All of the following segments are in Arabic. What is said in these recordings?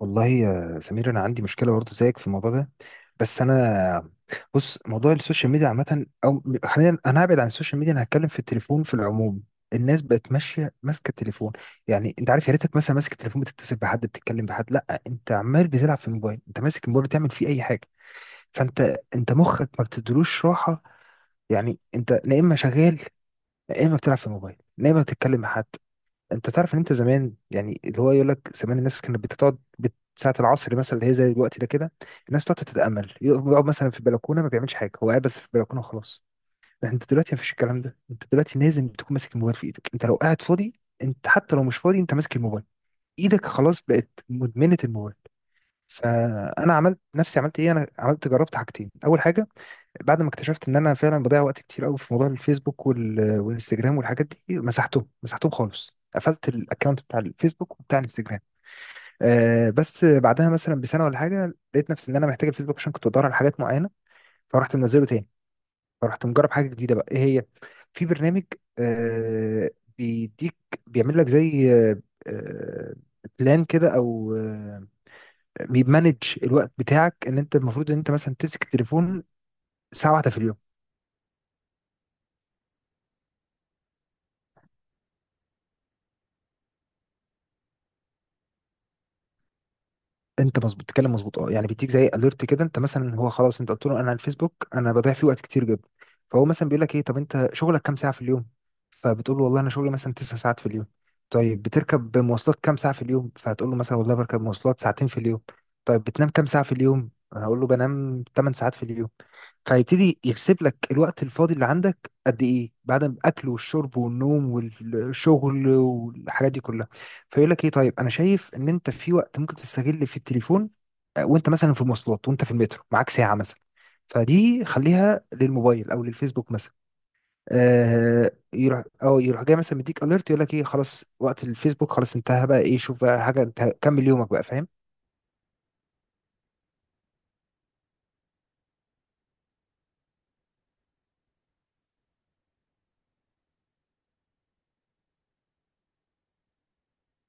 والله يا سمير انا عندي مشكله برضه زيك في الموضوع ده. بس انا، بص، موضوع السوشيال ميديا عامه او حاليا، انا هبعد عن السوشيال ميديا. انا هتكلم في التليفون في العموم. الناس بقت ماشيه ماسكه التليفون. يعني انت عارف، يا ريتك مثلا ماسك التليفون بتتصل بحد، بتتكلم بحد. لا، انت عمال بتلعب في الموبايل، انت ماسك الموبايل بتعمل فيه اي حاجه. فانت مخك ما بتدلوش راحه. يعني انت يا اما شغال، يا اما بتلعب في الموبايل، يا اما بتتكلم مع حد. انت تعرف ان انت زمان، يعني اللي هو يقول لك زمان الناس كانت بتقعد ساعة العصر مثلا، اللي هي زي الوقت ده كده. الناس تقعد تتأمل، يقعد مثلا في البلكونة، ما بيعملش حاجة، هو قاعد بس في البلكونة وخلاص. لكن انت دلوقتي ما فيش الكلام ده. انت دلوقتي لازم تكون ماسك الموبايل في ايدك، انت لو قاعد فاضي. انت حتى لو مش فاضي، انت ماسك الموبايل. ايدك خلاص بقت مدمنة الموبايل. فانا عملت نفسي، عملت ايه، انا جربت حاجتين. اول حاجة، بعد ما اكتشفت ان انا فعلا بضيع وقت كتير قوي في موضوع الفيسبوك والانستجرام والحاجات دي، مسحتهم خالص، قفلت الاكونت بتاع الفيسبوك وبتاع الانستجرام. بس بعدها مثلا بسنه ولا حاجه، لقيت نفسي ان انا محتاج الفيسبوك عشان كنت بدور على حاجات معينه، فرحت منزله تاني. فرحت مجرب حاجه جديده، بقى ايه هي؟ في برنامج، آه بيديك، بيعمل لك زي آه، بلان كده، او بيمانج الوقت بتاعك، ان انت المفروض ان انت مثلا تمسك التليفون ساعه واحده في اليوم. انت مظبوط، بتتكلم مظبوط. اه، يعني بيديك زي اليرت كده، انت مثلا هو خلاص، انت قلت له انا على الفيسبوك انا بضيع فيه وقت كتير جدا، فهو مثلا بيقول لك ايه، طب انت شغلك كام ساعه في اليوم؟ فبتقول له والله انا شغلي مثلا تسع ساعات في اليوم. طيب بتركب مواصلات كام ساعه في اليوم؟ فهتقول له مثلا والله بركب مواصلات ساعتين في اليوم. طيب بتنام كام ساعه في اليوم؟ هقول له بنام 8 ساعات في اليوم. فهيبتدي يحسب لك الوقت الفاضي اللي عندك قد ايه، بعد الاكل والشرب والنوم والشغل والحاجات دي كلها. فيقول لك ايه، طيب انا شايف ان انت في وقت ممكن تستغل في التليفون، وانت مثلا في مواصلات، وانت في المترو معاك ساعه مثلا، فدي خليها للموبايل او للفيسبوك مثلا. آه، يروح او يروح جاي مثلا، مديك اليرت يقول لك ايه، خلاص وقت الفيسبوك خلاص انتهى، بقى ايه، شوف بقى حاجه، انت كمل يومك بقى، فاهم.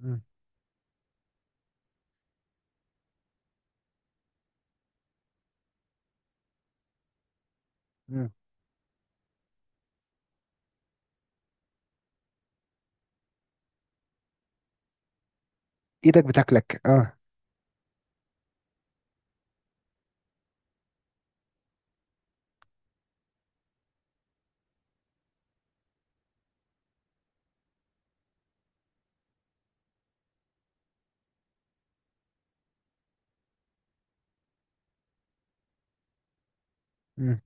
مم. مم. ايدك بتاكلك، اه. مم.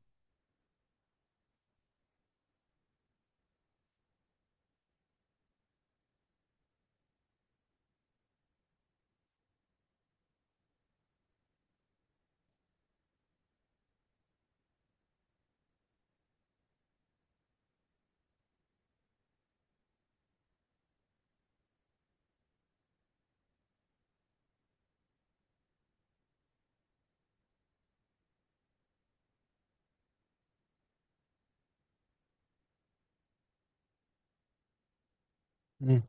مم.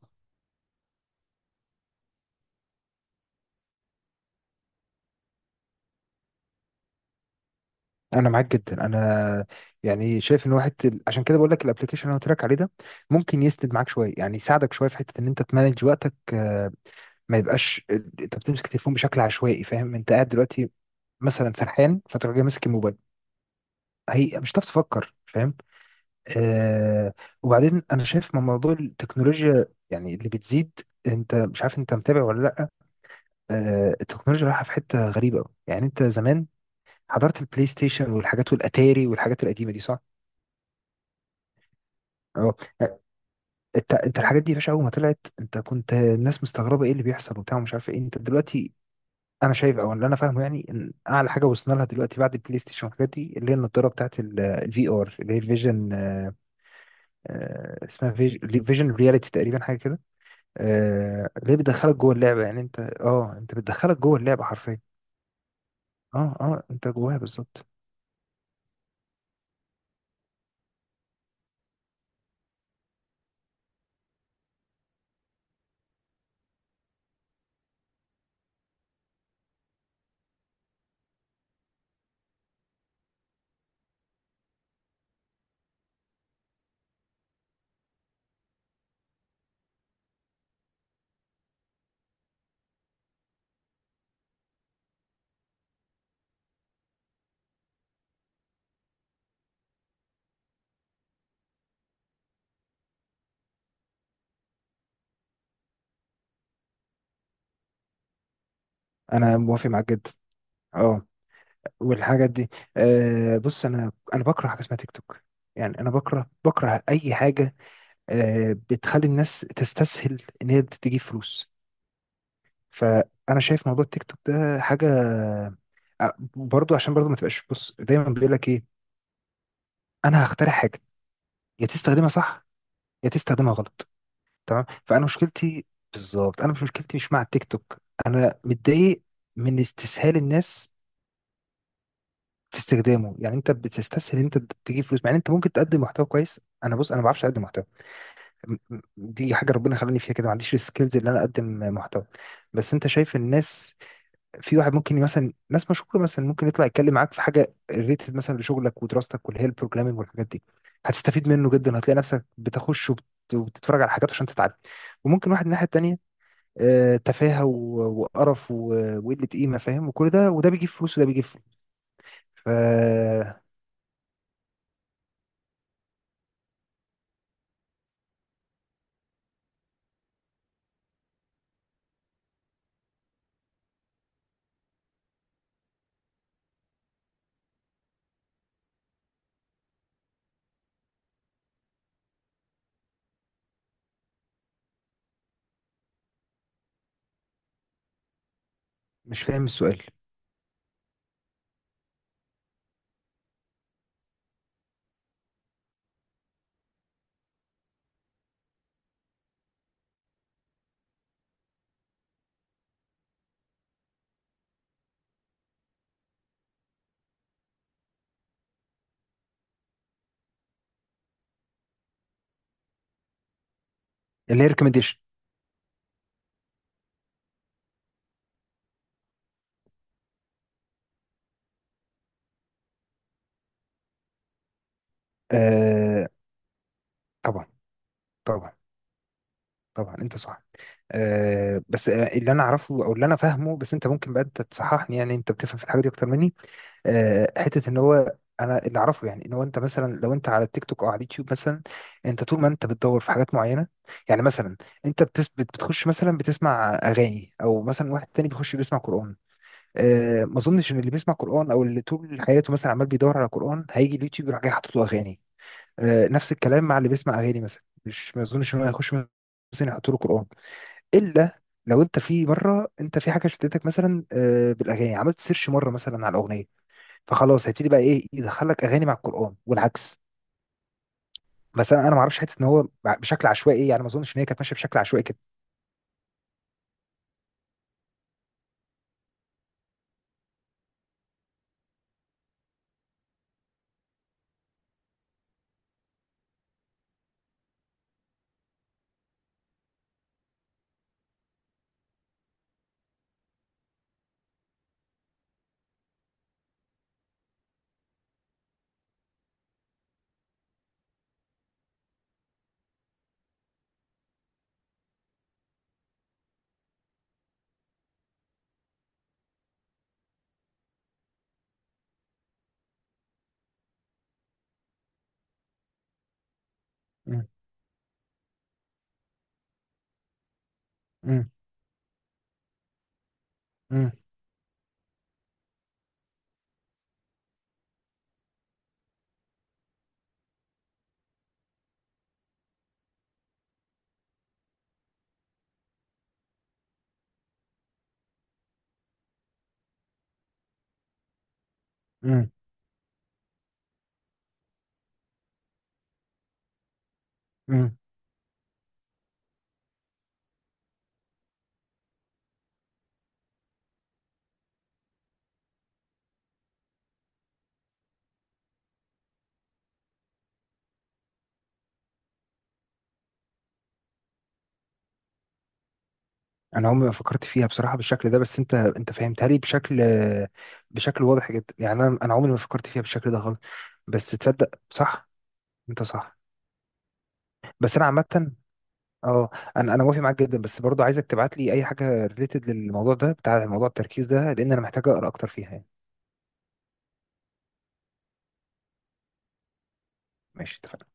انا معاك جدا. انا يعني شايف ان واحد، عشان كده بقول لك الابلكيشن اللي انا قلت لك عليه ده، ممكن يسند معاك شويه، يعني يساعدك شويه في حته ان انت تمانج وقتك. ما يبقاش انت بتمسك التليفون بشكل عشوائي، فاهم؟ انت قاعد دلوقتي مثلا سرحان، فتروح جاي ماسك الموبايل، هي مش هتعرف تفكر، فاهم. آه وبعدين انا شايف من موضوع التكنولوجيا يعني اللي بتزيد، انت مش عارف، انت متابع ولا لا؟ آه، التكنولوجيا رايحه في حته غريبه أوي. يعني انت زمان حضرت البلاي ستيشن والحاجات والاتاري والحاجات القديمه دي، صح؟ اه. انت الحاجات دي يا باشا، اول ما طلعت انت كنت، الناس مستغربه ايه اللي بيحصل وبتاع ومش عارف ايه. انت دلوقتي، انا شايف او اللي انا فاهمه يعني، ان اعلى حاجه وصلنا لها دلوقتي بعد البلاي ستيشن والحاجات دي، اللي هي النضاره بتاعت الفي ار، اللي هي الفيجن، اسمها فيجن رياليتي تقريبا، حاجه كده. آه، اللي هي بتدخلك جوه اللعبه، يعني انت بتدخلك جوه اللعبه حرفيا. اه، اه، انت جواها بالظبط. انا موافق معاك جدا. اه، والحاجات دي. آه، بص، انا بكره حاجه اسمها تيك توك. يعني انا بكره، بكره اي حاجه بتخلي الناس تستسهل ان هي تجيب فلوس. فانا شايف موضوع التيك توك ده حاجه، برضو، عشان برضو ما تبقاش، بص، دايما بيقول لك ايه، انا هخترع حاجه، يا تستخدمها صح، يا تستخدمها غلط. تمام. فانا مشكلتي بالظبط، انا مش، مشكلتي مش مع التيك توك، انا متضايق من استسهال الناس في استخدامه. يعني انت بتستسهل انت تجيب فلوس، مع ان انت ممكن تقدم محتوى كويس. انا، بص، انا ما بعرفش اقدم محتوى، دي حاجه ربنا خلاني فيها كده، ما عنديش السكيلز اللي انا اقدم محتوى. بس انت شايف الناس، في واحد ممكن مثلا، ناس مشهوره مثلا، ممكن يطلع يتكلم معاك في حاجه ريليتد مثلا لشغلك ودراستك، واللي هي البروجرامينج والحاجات دي، هتستفيد منه جدا، هتلاقي نفسك بتخش وبتتفرج على حاجات عشان تتعلم. وممكن واحد الناحيه التانيه، آه، تفاهه وقرف وقله قيمه، فاهم، وكل ده، وده بيجيب فلوس وده بيجيب فلوس، فمش فاهم السؤال. اللي هي ريكومنديشن. آه، طبعا، طبعا، طبعا انت صح. أه، بس، آه، اللي انا اعرفه او اللي انا فاهمه، بس انت ممكن بقى انت تصححني، يعني انت بتفهم في الحاجه دي اكتر مني. أه، حته ان هو انا اللي اعرفه، يعني ان هو انت مثلا لو انت على التيك توك او على اليوتيوب مثلا، انت طول ما انت بتدور في حاجات معينه، يعني مثلا انت بتثبت بتخش مثلا بتسمع اغاني، او مثلا واحد تاني بيخش بيسمع قران. أه، ما اظنش ان اللي بيسمع قران او اللي طول حياته مثلا عمال بيدور على قران، هيجي اليوتيوب يروح جاي حاطط له اغاني. أه، نفس الكلام مع اللي بيسمع اغاني مثلا، مش، ما اظنش ان هو هيخش مثلا يحط له قران. الا لو انت في مره انت في حاجه شدتك مثلا، بالاغاني، عملت سيرش مره مثلا على الاغنيه، فخلاص هيبتدي بقى ايه يدخلك اغاني مع القران والعكس. بس انا، انا ما اعرفش حته ان هو بشكل عشوائي، يعني ما اظنش ان هي كانت ماشيه بشكل عشوائي كده. مم، مم، مم، مم، مم. انا عمري ما فكرت فيها بصراحه بالشكل ده، بس انت فهمتها لي بشكل، بشكل واضح جدا. يعني انا عمري ما فكرت فيها بالشكل ده خالص، بس تصدق صح، انت صح. بس انا عامه، اه، انا موافق معاك جدا، بس برضه عايزك تبعت لي اي حاجه ريليتد للموضوع ده، بتاع موضوع التركيز ده، لان انا محتاج اقرا اكتر فيها يعني. ماشي، اتفقنا.